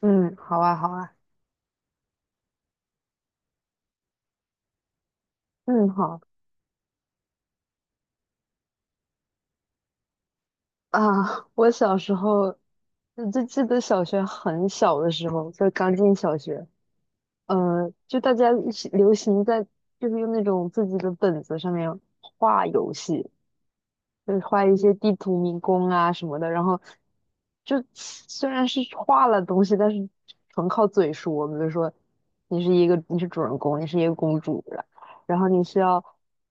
嗯，好啊，好啊，嗯，好啊。我小时候就记得小学很小的时候，就刚进小学，就大家一起流行在就是用那种自己的本子上面画游戏，就是画一些地图迷宫啊什么的，然后就虽然是画了东西，但是纯靠嘴说。比如说，你是主人公，你是一个公主，然后你是要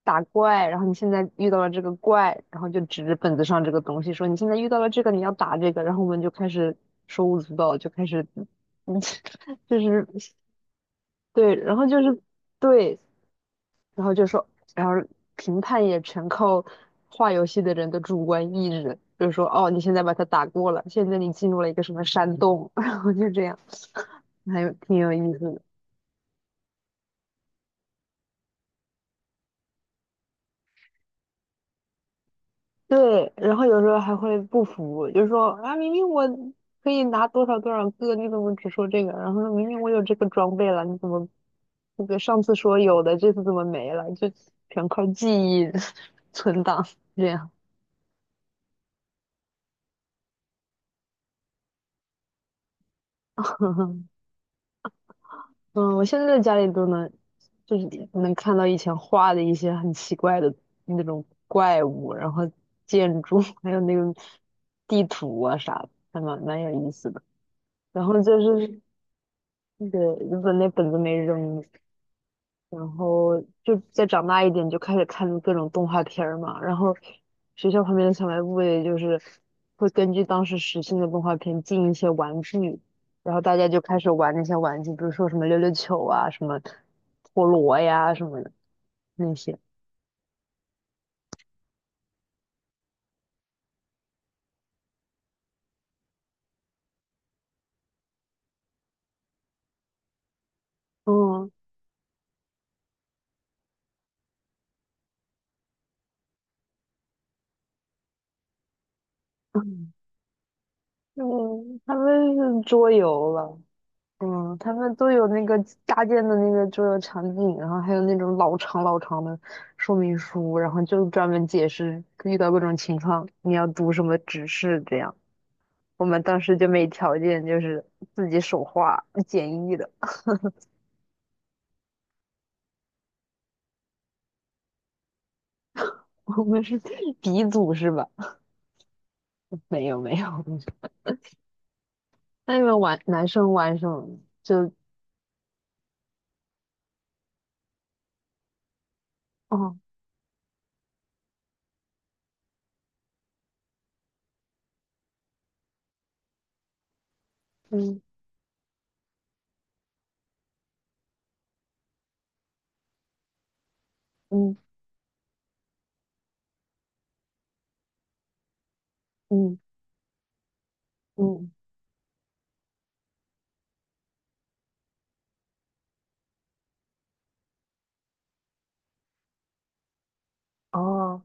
打怪，然后你现在遇到了这个怪，然后就指着本子上这个东西说你现在遇到了这个，你要打这个，然后我们就开始手舞足蹈，就开始，嗯，就是对，然后就是对，然后就说，然后评判也全靠画游戏的人的主观意志，就是说，哦，你现在把它打过了，现在你进入了一个什么山洞，然后就这样，还有挺有意思的。对，然后有时候还会不服，就是说啊，明明我可以拿多少多少个，你怎么只说这个？然后说明明我有这个装备了，你怎么那个上次说有的，这次怎么没了？就全靠记忆 存档这样。嗯，我现在在家里都能，就是能看到以前画的一些很奇怪的那种怪物，然后建筑，还有那个地图啊啥的，还蛮有意思的。然后就是那个日本那本子没扔，然后就再长大一点，就开始看各种动画片儿嘛。然后学校旁边的小卖部也就是会根据当时时兴的动画片进一些玩具，然后大家就开始玩那些玩具，比如说什么溜溜球啊、什么陀螺呀什么的那些。嗯嗯，他们是桌游了，嗯，他们都有那个搭建的那个桌游场景，然后还有那种老长老长的说明书，然后就专门解释遇到各种情况你要读什么指示这样。我们当时就没条件，就是自己手画简易的。我们是鼻祖是吧？没有没有，那你们玩男生玩什么？就哦嗯嗯嗯嗯哦。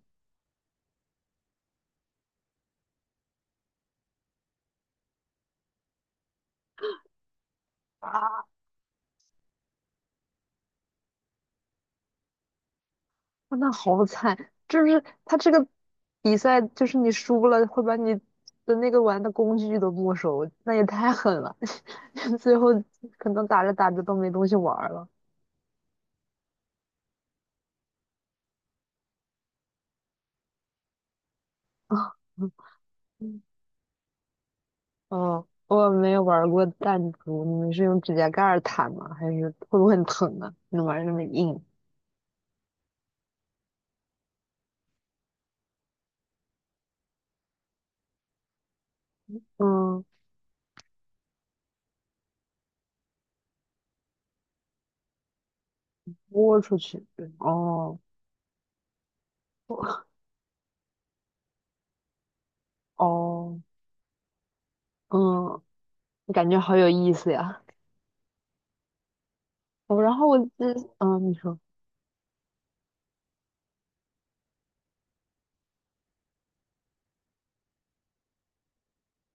啊。哇那好惨，就是他这个比赛，就是你输了会把你的那个玩的工具都没收，那也太狠了。最后可能打着打着都没东西玩儿了。嗯，哦，我没有玩儿过弹珠，你们是用指甲盖儿弹吗？还是会不会很疼啊？你玩儿那么硬？嗯，豁出去。对。哦哦，嗯，感觉好有意思呀。哦，然后我记嗯，你说，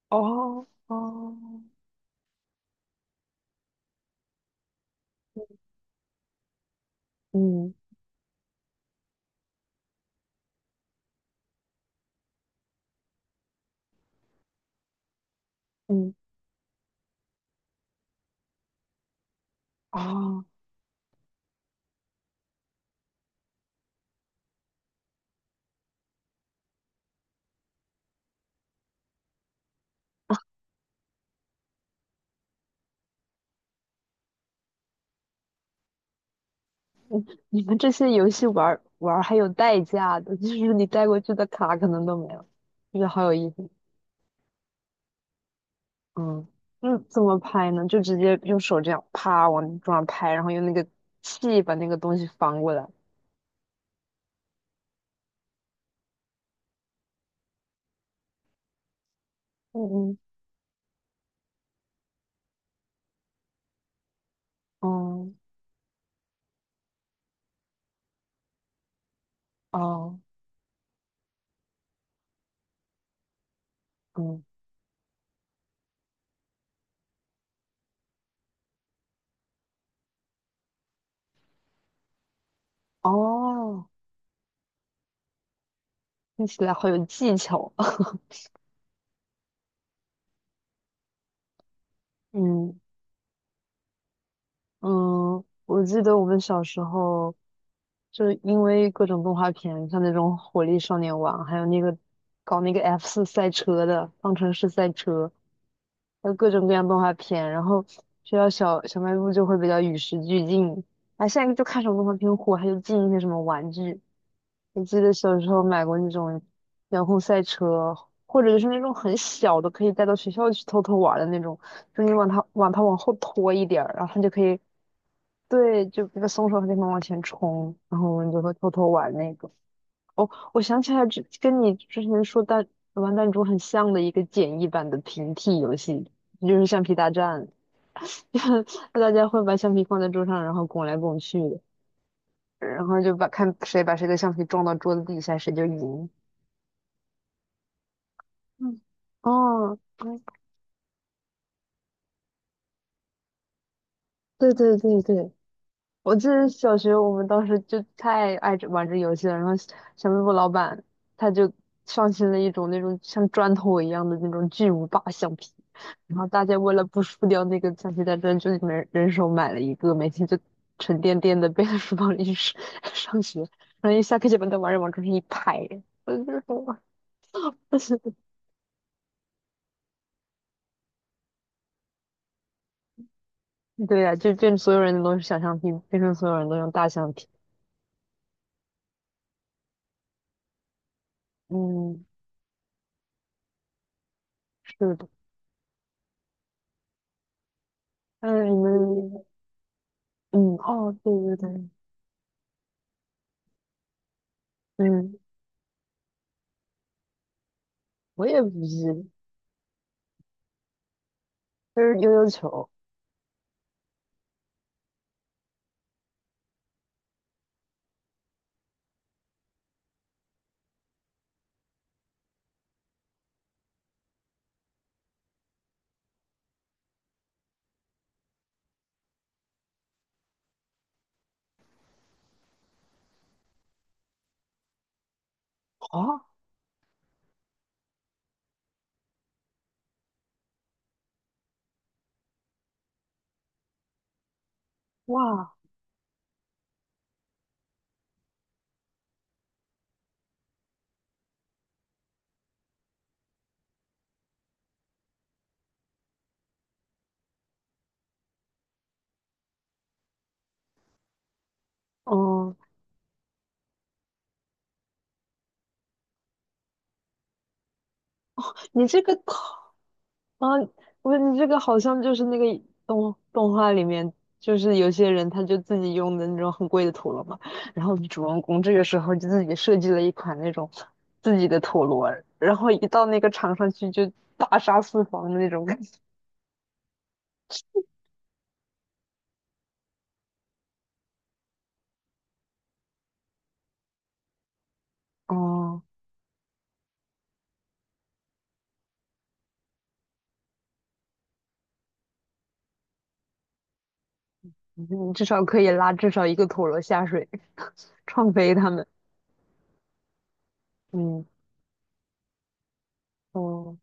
哦哦。嗯嗯，哦，你们这些游戏玩儿还有代价的，就是你带过去的卡可能都没了，就是好有意思。嗯，那怎么拍呢？就直接用手这样啪往桌上拍，然后用那个气把那个东西翻过来。嗯嗯哦哦嗯哦，听起来好有技巧啊。嗯嗯，我记得我们小时候。就因为各种动画片，像那种《火力少年王》，还有那个搞那个 F4赛车的《方程式赛车》，还有各种各样动画片，然后学校小卖部就会比较与时俱进。啊，现在就看什么动画片火，他就进一些什么玩具。我记得小时候买过那种遥控赛车，或者就是那种很小的，可以带到学校去偷偷玩儿的那种，就你往它往后拖一点儿然后它就可以对，就那个松手和地方往前冲，然后我们就会偷偷玩那个。哦，我想起来，这跟你之前说玩弹珠很像的一个简易版的平替游戏，就是橡皮大战，大家会把橡皮放在桌上，然后拱来拱去的然后就把看谁把谁的橡皮撞到桌子底下，谁就赢。嗯，哦，嗯对对对对，我记得小学我们当时就太爱这玩这游戏了，然后小卖部老板他就上新了一种那种像砖头一样的那种巨无霸橡皮，然后大家为了不输掉那个橡皮擦砖，就人人手买了一个，每天就沉甸甸的背在书包里去上 上学，然后一下课就把那玩意往桌上一拍，我就说，对呀、就变成所有人都是小橡皮，变成所有人都用大橡皮，嗯，是的，嗯，你们，嗯，哦，对对对。嗯，我也不是，就是悠悠球啊，哇，嗯，你这个好啊，我你这个好像就是那个动动画里面，就是有些人他就自己用的那种很贵的陀螺嘛，然后主人公这个时候就自己设计了一款那种自己的陀螺，然后一到那个场上去就大杀四方的那种感觉。哦，你至少可以拉至少一个陀螺下水，创飞他们。嗯，哦。